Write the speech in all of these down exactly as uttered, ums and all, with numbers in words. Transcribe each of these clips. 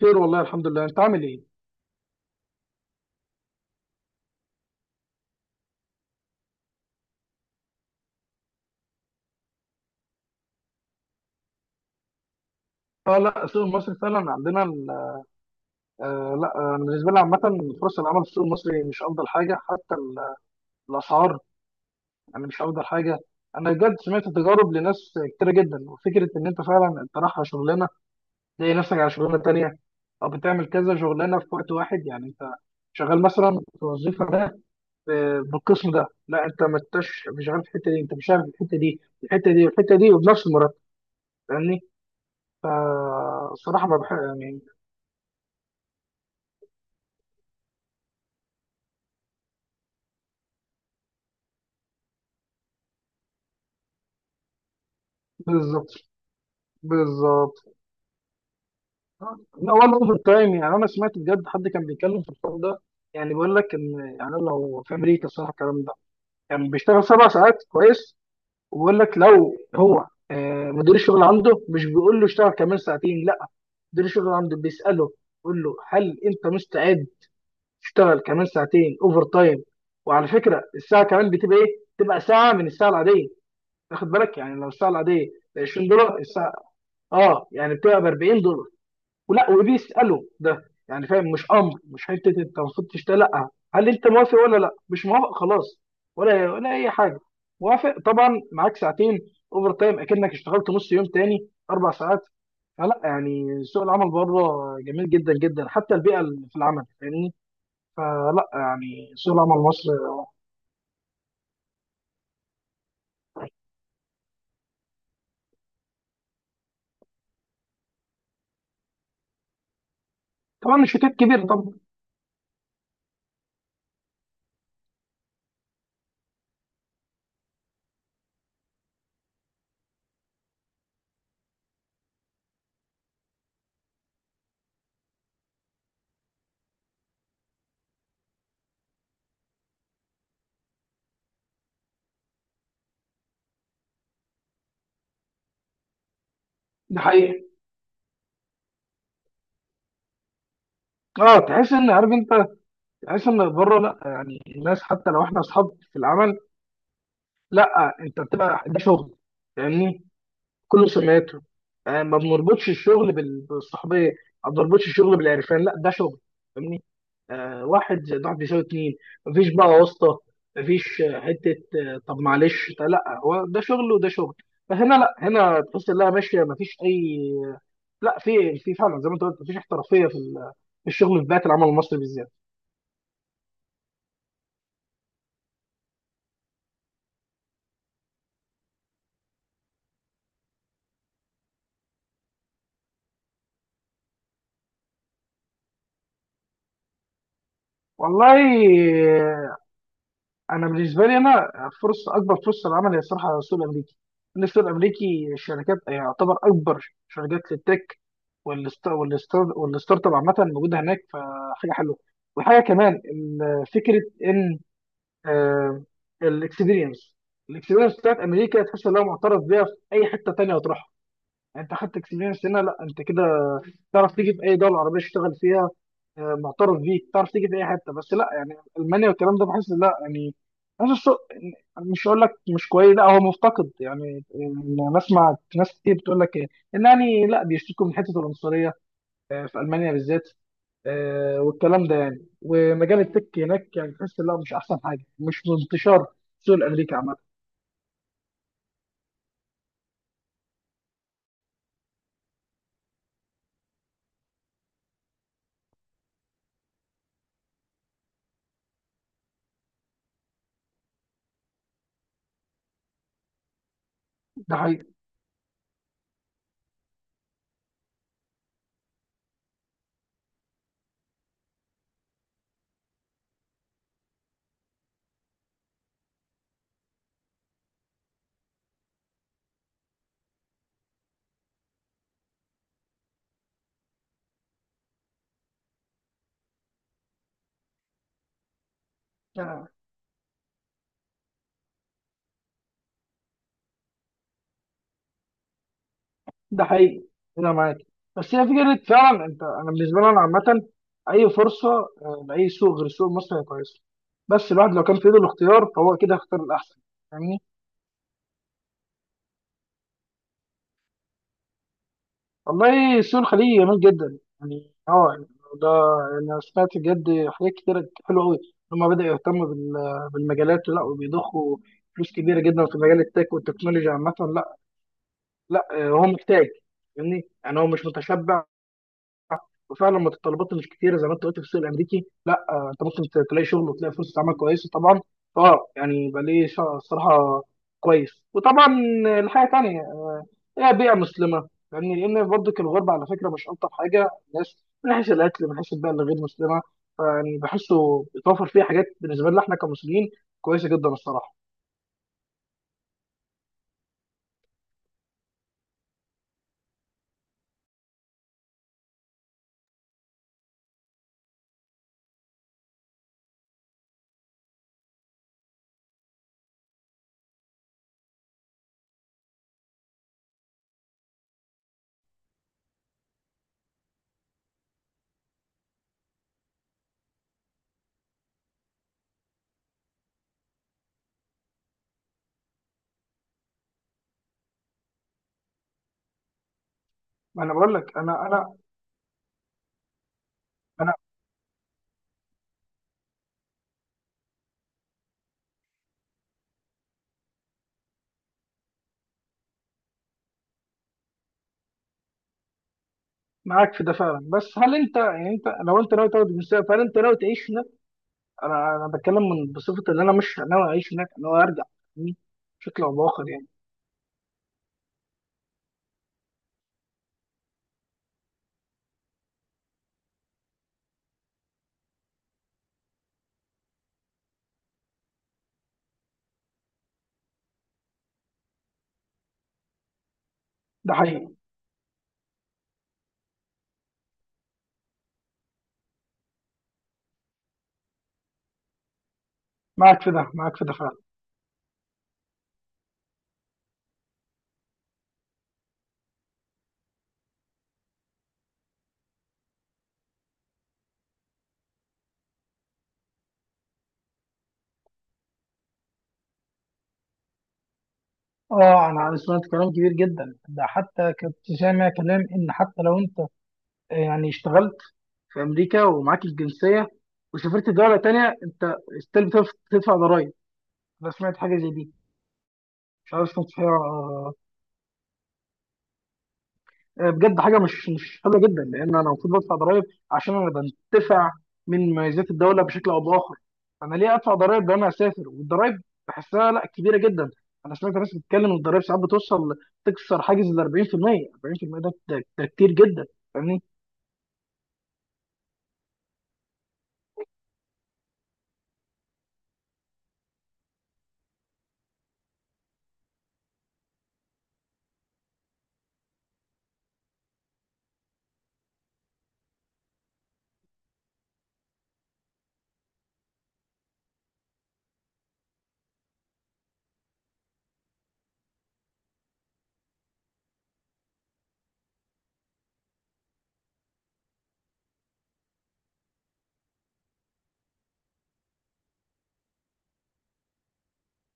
خير، والله الحمد لله. انت عامل ايه؟ اه، لا، السوق المصري فعلا عندنا ال- آه لا، آه، بالنسبه لي عامه، فرص العمل في السوق المصري مش افضل حاجه. حتى ال- الاسعار، يعني مش افضل حاجه. انا بجد سمعت تجارب لناس كتيره جدا، وفكره ان انت فعلا انت رايح على شغلانه تلاقي نفسك على شغلانه تانيه، او بتعمل كذا شغلانه في وقت واحد. يعني انت شغال مثلا في الوظيفه ده، آه، بالقسم ده، لا، انت ما انتش مش شغال في الحته دي، انت مش شغال في الحته دي، الحته دي والحته دي، وبنفس المرتب. فاهمني؟ فالصراحه ما بحب يعني. بالظبط. بالظبط. لا، ولا اوفر تايم. يعني انا سمعت بجد حد كان بيتكلم في الحوار ده، يعني بيقول لك ان يعني لو في امريكا الصراحه الكلام ده يعني بيشتغل سبع ساعات كويس. وبيقول لك لو هو آه، مدير الشغل عنده مش بيقول له اشتغل كمان ساعتين، لا، مدير الشغل عنده بيساله، بيقول له هل انت مستعد تشتغل كمان ساعتين اوفر تايم. وعلى فكره، الساعه كمان بتبقى ايه؟ بتبقى ساعه من الساعه العاديه. تاخد بالك، يعني لو الساعه العاديه ب عشرين دولار، الساعه اه يعني بتبقى ب اربعين دولار. ولا، وبيساله ده يعني، فاهم؟ مش امر، مش حته انت المفروض تشتغل. لا، هل انت موافق ولا لا مش موافق؟ خلاص، ولا ولا اي حاجه. موافق طبعا، معاك ساعتين اوفر تايم، اكنك اشتغلت نص يوم تاني، اربع ساعات. فلا يعني سوق العمل بره جميل جدا جدا، حتى البيئه اللي في العمل. فاهمني؟ فلا يعني سوق العمل مصر. طبعا الشتات كبير طبعا. ده حقيقي. اه، تحس ان، عارف انت، تحس ان بره لا، يعني الناس حتى لو احنا اصحاب في العمل، لا، انت بتبقى ده شغل. فاهمني؟ كله سمعته. آه، ما بنربطش الشغل بال- بالصحبيه، ما بنربطش الشغل بالعرفان، لا، ده شغل. فاهمني؟ آه واحد زائد واحد بيساوي اتنين. مفيش بقى واسطه، مفيش آه، حته، آه، طب معلش، طب لا هو ده شغل وده شغل. فهنا لا، هنا تحس انها ماشيه، مفيش اي. لا، في في فعلا زي ما انت قلت مفيش احترافيه في ال- في الشغل، في بيئه العمل المصري بالذات. والله، انا بالنسبه لي انا، فرصه، اكبر فرصه للعمل هي الصراحه على السوق الامريكي، لان السوق الامريكي الشركات يعتبر اكبر شركات للتك. والست- والستار- والستارت اب عامه موجوده هناك، فحاجه حلوه. وحاجه كمان، ال- فكره ان الاكسبيرينس الاكسبيرينس بتاعت امريكا تحس انها معترف بيها في اي حته تانيه هتروحها. يعني انت خدت اكسبيرينس هنا، لا، انت كده تعرف تيجي في اي دوله عربيه تشتغل فيها. آه، معترف بيك، تعرف تيجي في اي حته. بس لا يعني المانيا والكلام ده بحس لا، يعني حاسس السوق، مش هقول لك مش كويس، لا، هو مفتقد. يعني أنا بسمع ناس كتير بتقول لك إيه، ان يعني لا بيشتكوا من حته العنصريه آه، في المانيا بالذات، آه، والكلام ده يعني، ومجال التك هناك يعني تحس لا، مش احسن حاجه، مش منتشر السوق الامريكي عامه. ده حقيقي. ده حقيقي، انا معاك. بس هي فكره، فعلا انت، انا بالنسبه لي انا عامه، اي فرصه آه، لاي سوق غير سوق مصر هي كويسه. بس الواحد لو كان في ايده الاختيار فهو كده هيختار الاحسن. فاهمني؟ والله، سوق الخليج جميل جدا، يعني اه يعني، ده، انا سمعت بجد حاجات كتير حلوه قوي. هما بدأوا يهتموا بال- بالمجالات، لا، وبيضخوا فلوس كبيره جدا في مجال التك والتكنولوجيا عامه. لا، لا، آه، هو محتاج. فاهمني؟ يعني هو مش متشبع. وفعلا متطلبات الكتيره زي ما انت قلت في السوق الامريكي، لا، آه، انت ممكن ت- تلاقي شغل وتلاقي فرصه عمل كويسه طبعا. اه يعني يبقى ليه. شا- الصراحه كويس. وطبعا الحاجه تانية، هي بيئه مسلمه. يعني لان برضه الغربه على فكره مش الطف حاجه. الناس، من حيث الاكل، من حيث البيئه اللي غير مسلمه، فيعني بحسه بيتوفر فيه حاجات بالنسبه لنا احنا كمسلمين كويسه جدا الصراحه. ما انا بقول لك انا انا. انا معاك في ده فعلا. بس هل انت يعني انت، لو انت ناوي تاخد الجنسيه فهل انت ناوي تعيش هناك؟ انا، انا بتكلم من بصفه ان انا مش ناوي اعيش هناك، انا ناوي ارجع يعني، بشكل او باخر يعني. ده حقيقي. معاك في ده، معاك في ده فعلا. اه، انا أنا سمعت كلام كبير جدا. ده حتى كنت سامع كلام ان حتى لو انت آه، يعني اشتغلت في امريكا ومعاك الجنسيه، وسافرت دوله تانية، انت ستيل بتدفع ضرائب. انا سمعت حاجه زي دي. مش عارف، سمعت فيها آه، بجد حاجه مش مش حلوه جدا. لان انا المفروض بدفع ضرائب عشان انا بنتفع من مميزات الدوله بشكل او باخر. انا ليه ادفع ضرائب لو انا اسافر؟ والضرائب بحسها، لا، كبيره جدا. انا سمعت ناس بتتكلم إن الضرائب ساعات بتوصل تكسر حاجز ال اربعين في المية، اربعين بالمية. ده ده ده كتير جدا. فاهمني؟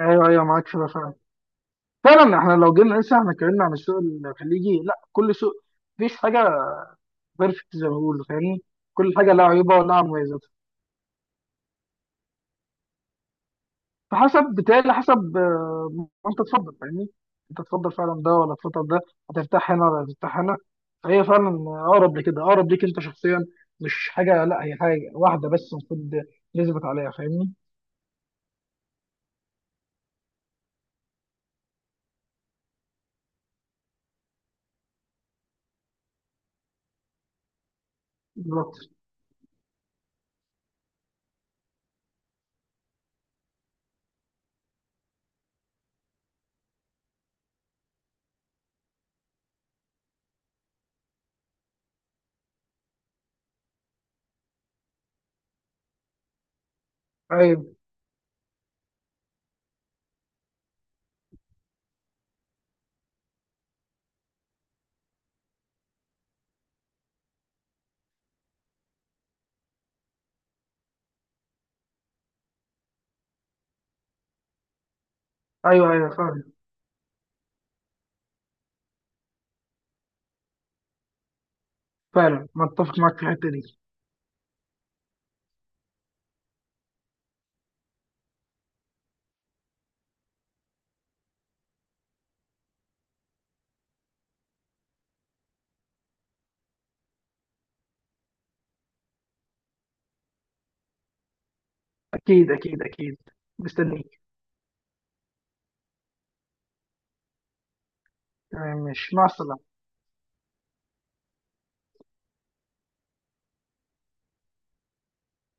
ايوه، ايوه، معاك شبه فعلا. فعلا احنا لو جينا نقيسها، احنا اتكلمنا عن السوق الخليجي، لا، كل سوق، مفيش حاجه بيرفكت زي ما بيقولوا. فاهمني؟ كل حاجه لها عيوبها ولها مميزات. فحسب، بتهيألي حسب آه، ما انت تفضل. فاهمني؟ انت تفضل فعلا ده ولا تفضل ده؟ هترتاح هنا ولا هترتاح هنا؟ فهي فعلا اقرب لكده، اقرب ليك انت شخصيا. مش حاجه، لا، هي حاجه واحده بس المفروض نثبت عليها. فاهمني؟ بالظبط. ايوه، ايوه، ايوه فعلا. فعلا متفق معاك في الحته دي. اكيد اكيد اكيد، مستنيك. تمام، ماشي، مع السلامه.